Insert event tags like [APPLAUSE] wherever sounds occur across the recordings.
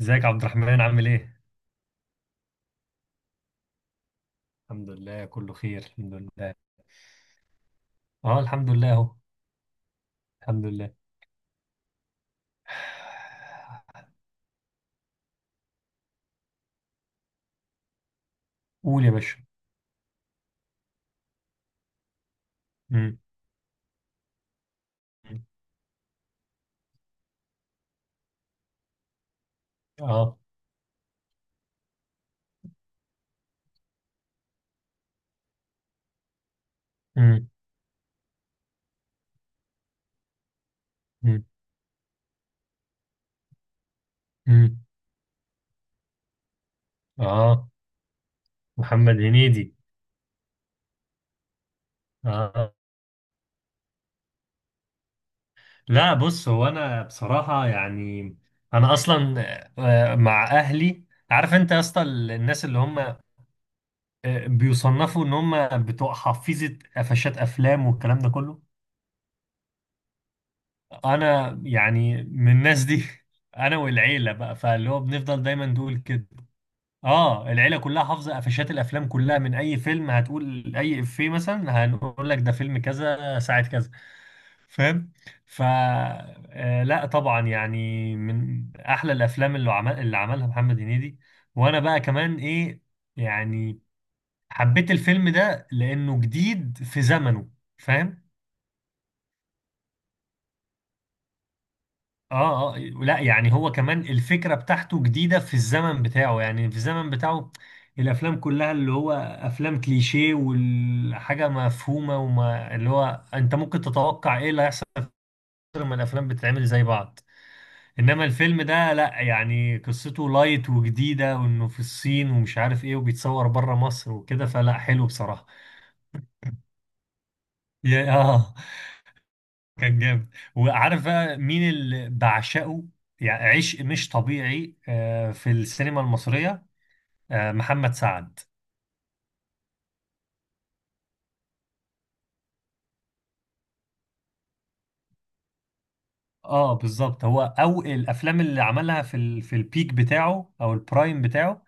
ازيك يا عبد الرحمن عامل ايه؟ الحمد لله، كله خير. الحمد لله. اه، الحمد لله اهو. الحمد لله. قول يا باشا. مم. اه. مم. مم. مم. اه، محمد هنيدي. اه، لا بص، هو انا بصراحة يعني انا اصلا مع اهلي. عارف انت يا اسطى الناس اللي هم بيصنفوا ان هم بتوع حفيظة قفشات افلام والكلام ده كله. انا يعني من الناس دي [LAUGHS] انا والعيله بقى، فاللي هو بنفضل دايما نقول كده. اه، العيله كلها حافظه قفشات الافلام كلها. من اي فيلم هتقول اي افيه مثلا هنقول لك ده فيلم كذا ساعه كذا. فاهم. ف لا طبعا، يعني من احلى الافلام اللي عمل اللي عملها محمد هنيدي. وانا بقى كمان ايه، يعني حبيت الفيلم ده لانه جديد في زمنه. فاهم. اه، اه، لا يعني هو كمان الفكرة بتاعته جديدة في الزمن بتاعه، يعني في الزمن بتاعه الافلام كلها اللي هو افلام كليشيه والحاجة مفهومة، وما اللي هو انت ممكن تتوقع ايه اللي هيحصل لما الافلام بتتعمل زي بعض. انما الفيلم ده لا، يعني قصته لايت وجديدة، وانه في الصين ومش عارف ايه، وبيتصور بره مصر وكده، فلا حلو بصراحة. اه، كان جامد. وعارف بقى مين اللي بعشقه؟ يعني عشق مش طبيعي في السينما المصرية. محمد سعد. اه بالظبط، هو او الافلام اللي عملها في في البيك بتاعه او البرايم بتاعه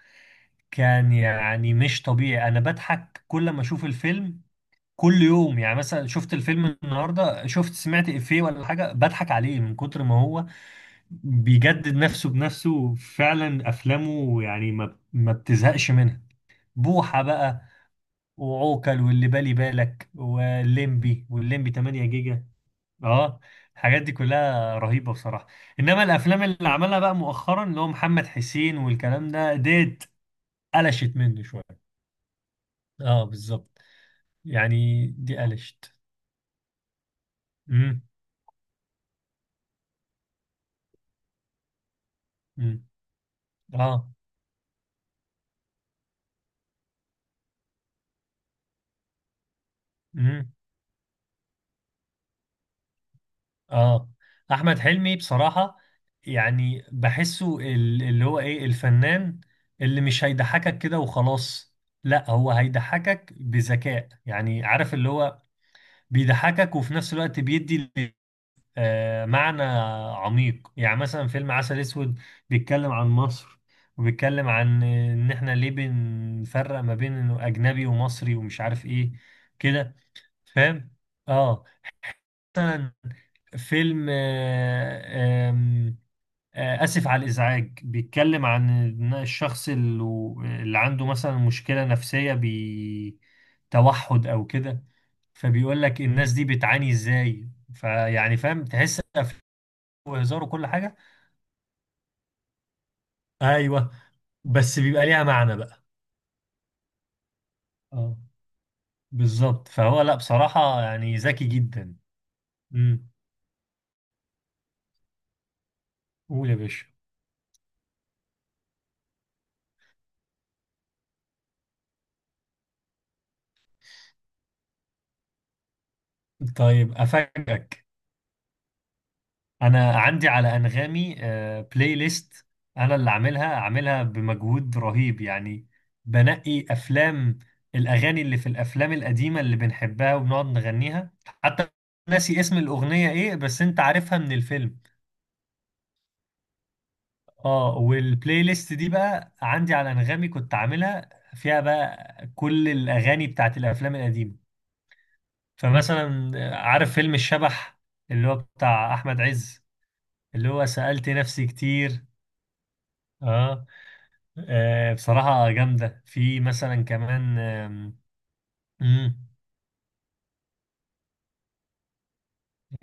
كان يعني مش طبيعي. انا بضحك كل ما اشوف الفيلم. كل يوم، يعني مثلا شفت الفيلم النهارده، شفت سمعت افيه ولا حاجه بضحك عليه من كتر ما هو بيجدد نفسه بنفسه. فعلا افلامه يعني ما بتزهقش منها. بوحة بقى وعوكل واللي بالي بالك والليمبي والليمبي 8 جيجا. اه، الحاجات دي كلها رهيبة بصراحة. انما الافلام اللي عملها بقى مؤخرا اللي هو محمد حسين والكلام ده ديت قلشت مني شوية. اه بالظبط، يعني دي قلشت. امم. امم. اه. امم. اه. احمد حلمي بصراحة يعني بحسه اللي هو ايه، الفنان اللي مش هيضحكك كده وخلاص. لا هو هيضحكك بذكاء، يعني عارف اللي هو بيضحكك وفي نفس الوقت بيدي معنى عميق. يعني مثلا فيلم عسل اسود بيتكلم عن مصر، وبيتكلم عن ان احنا ليه بنفرق ما بين انه اجنبي ومصري ومش عارف ايه كده. فاهم. اه. مثلا فيلم آسف على الإزعاج بيتكلم عن إن الشخص اللي اللي عنده مثلا مشكلة نفسية بتوحد أو كده، فبيقول لك الناس دي بتعاني إزاي. فيعني فاهم، تحس أفلام وهزار وكل حاجة. أيوه، بس بيبقى ليها معنى بقى. اه بالظبط، فهو لا بصراحة يعني ذكي جدا. امم. قول يا باشا. طيب أفاجئك. انا عندي على انغامي بلاي ليست، انا اللي عاملها بمجهود رهيب يعني. بنقي افلام. الاغاني اللي في الافلام القديمه اللي بنحبها وبنقعد نغنيها، حتى ناسي اسم الاغنيه ايه بس انت عارفها من الفيلم. اه، والبلاي ليست دي بقى عندي على انغامي، كنت عاملها فيها بقى كل الاغاني بتاعت الافلام القديمه. فمثلا عارف فيلم الشبح اللي هو بتاع احمد عز، اللي هو سألت نفسي كتير. اه. بصراحة جامدة. في مثلا كمان مم،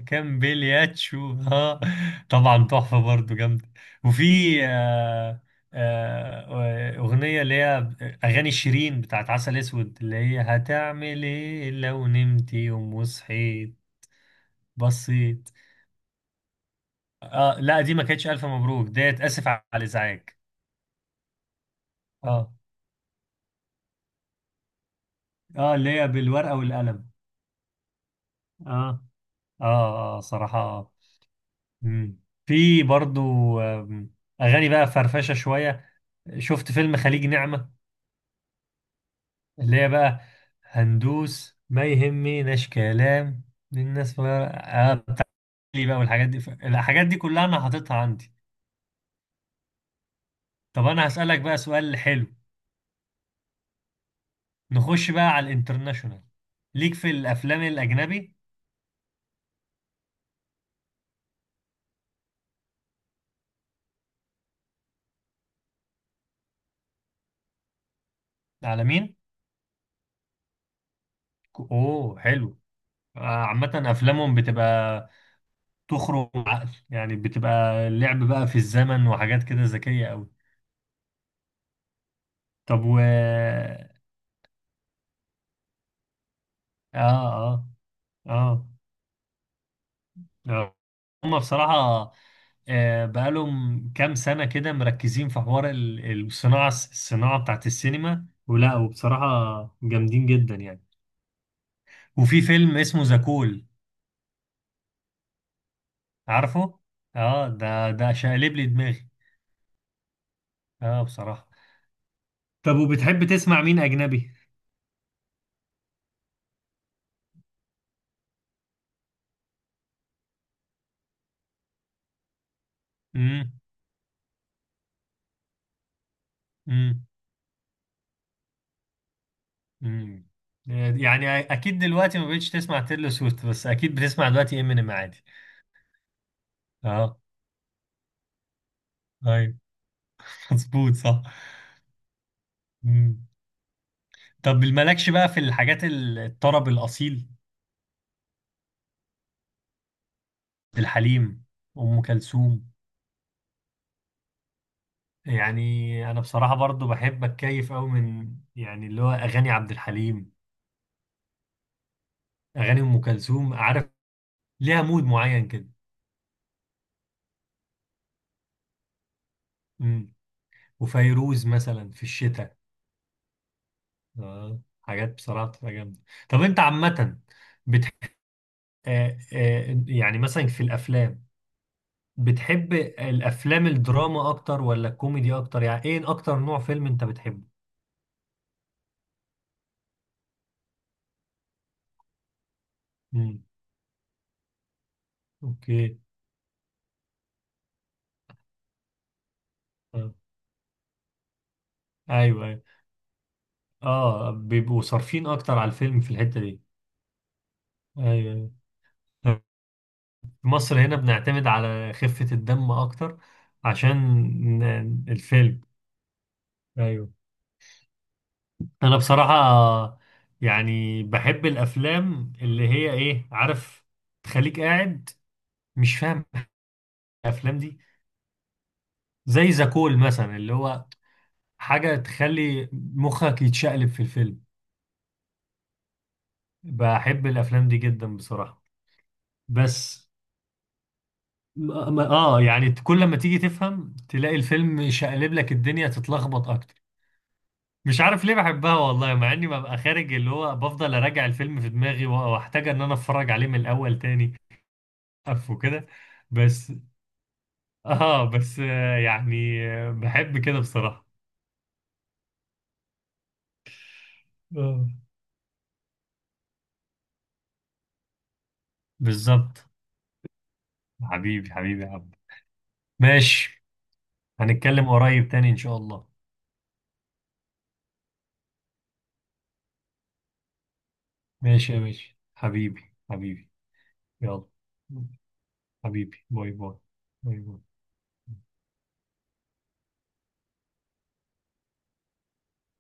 كان بلياتشو [LAUGHS] ها، طبعا تحفة برضو جامدة. وفي آه، أغنية اللي هي أغاني شيرين بتاعت عسل أسود، اللي هي هتعمل إيه لو نمت يوم وصحيت. بصيت، آه لا، دي ما كانتش ألف مبروك، ديت آسف على الإزعاج. اه، اه، اللي هي بالورقة والقلم. اه، اه، اه صراحة. مم. في برضو آم، اغاني بقى فرفشه شويه. شفت فيلم خليج نعمه اللي هي بقى هندوس ما يهمناش كلام الناس بقى والحاجات دي الحاجات دي كلها انا حاططها عندي. طب انا هسألك بقى سؤال حلو. نخش بقى على الانترناشونال. ليك في الافلام الاجنبي؟ عالمين. اوه، حلو. عامة أفلامهم بتبقى تخرج عقل، يعني بتبقى لعب بقى في الزمن وحاجات كده ذكية أوي. طب و اه. اه. آه. هم بصراحة بقالهم كام سنة كده مركزين في حوار الصناعة، الصناعة بتاعت السينما ولا؟ وبصراحة جامدين جدا يعني. وفي فيلم اسمه زاكول، عارفه؟ اه، ده شقلب لي دماغي. اه بصراحة. طب وبتحب تسمع مين أجنبي؟ امم. امم. امم. يعني أكيد دلوقتي ما بقتش تسمع تيلو سويفت، بس أكيد بتسمع دلوقتي امينيم عادي. اه. ايوه. [LAUGHS] مظبوط، صح. مم. طب مالكش بقى في الحاجات الطرب الأصيل؟ الحليم. أم كلثوم. يعني أنا بصراحة برضو بحب أتكيف أوي من، يعني اللي هو أغاني عبد الحليم، أغاني أم كلثوم. عارف، ليها مود معين كده. مم. وفيروز مثلا في الشتاء. آه. حاجات بصراحة بتبقى جامدة. طب أنت عامة بتح... آه يعني مثلا في الأفلام، بتحب الأفلام الدراما أكتر ولا الكوميدي أكتر؟ يعني إيه أكتر نوع فيلم أنت بتحبه؟ مم. اوكي. آه. ايوه، ايوه. اه، بيبقوا صارفين اكتر على الفيلم في الحتة دي. ايوه. أيوة. في مصر هنا بنعتمد على خفة الدم اكتر عشان الفيلم. ايوه. انا بصراحة يعني بحب الافلام اللي هي ايه، عارف، تخليك قاعد مش فاهم. الافلام دي زي زكول مثلا اللي هو حاجة تخلي مخك يتشقلب في الفيلم. بحب الافلام دي جدا بصراحة. بس اه، يعني كل ما تيجي تفهم تلاقي الفيلم شقلب لك الدنيا، تتلخبط اكتر. مش عارف ليه بحبها والله، مع اني ببقى خارج اللي هو بفضل اراجع الفيلم في دماغي واحتاج ان انا اتفرج عليه من الاول تاني. عارف وكده. بس اه، بس آه يعني آه بحب كده بصراحة. آه. بالظبط. حبيبي حبيبي يا عبد. ماشي. هنتكلم قريب تاني ان شاء الله. ماشي يا باشا، حبيبي حبيبي. يلا، حبيبي باي باي. باي باي.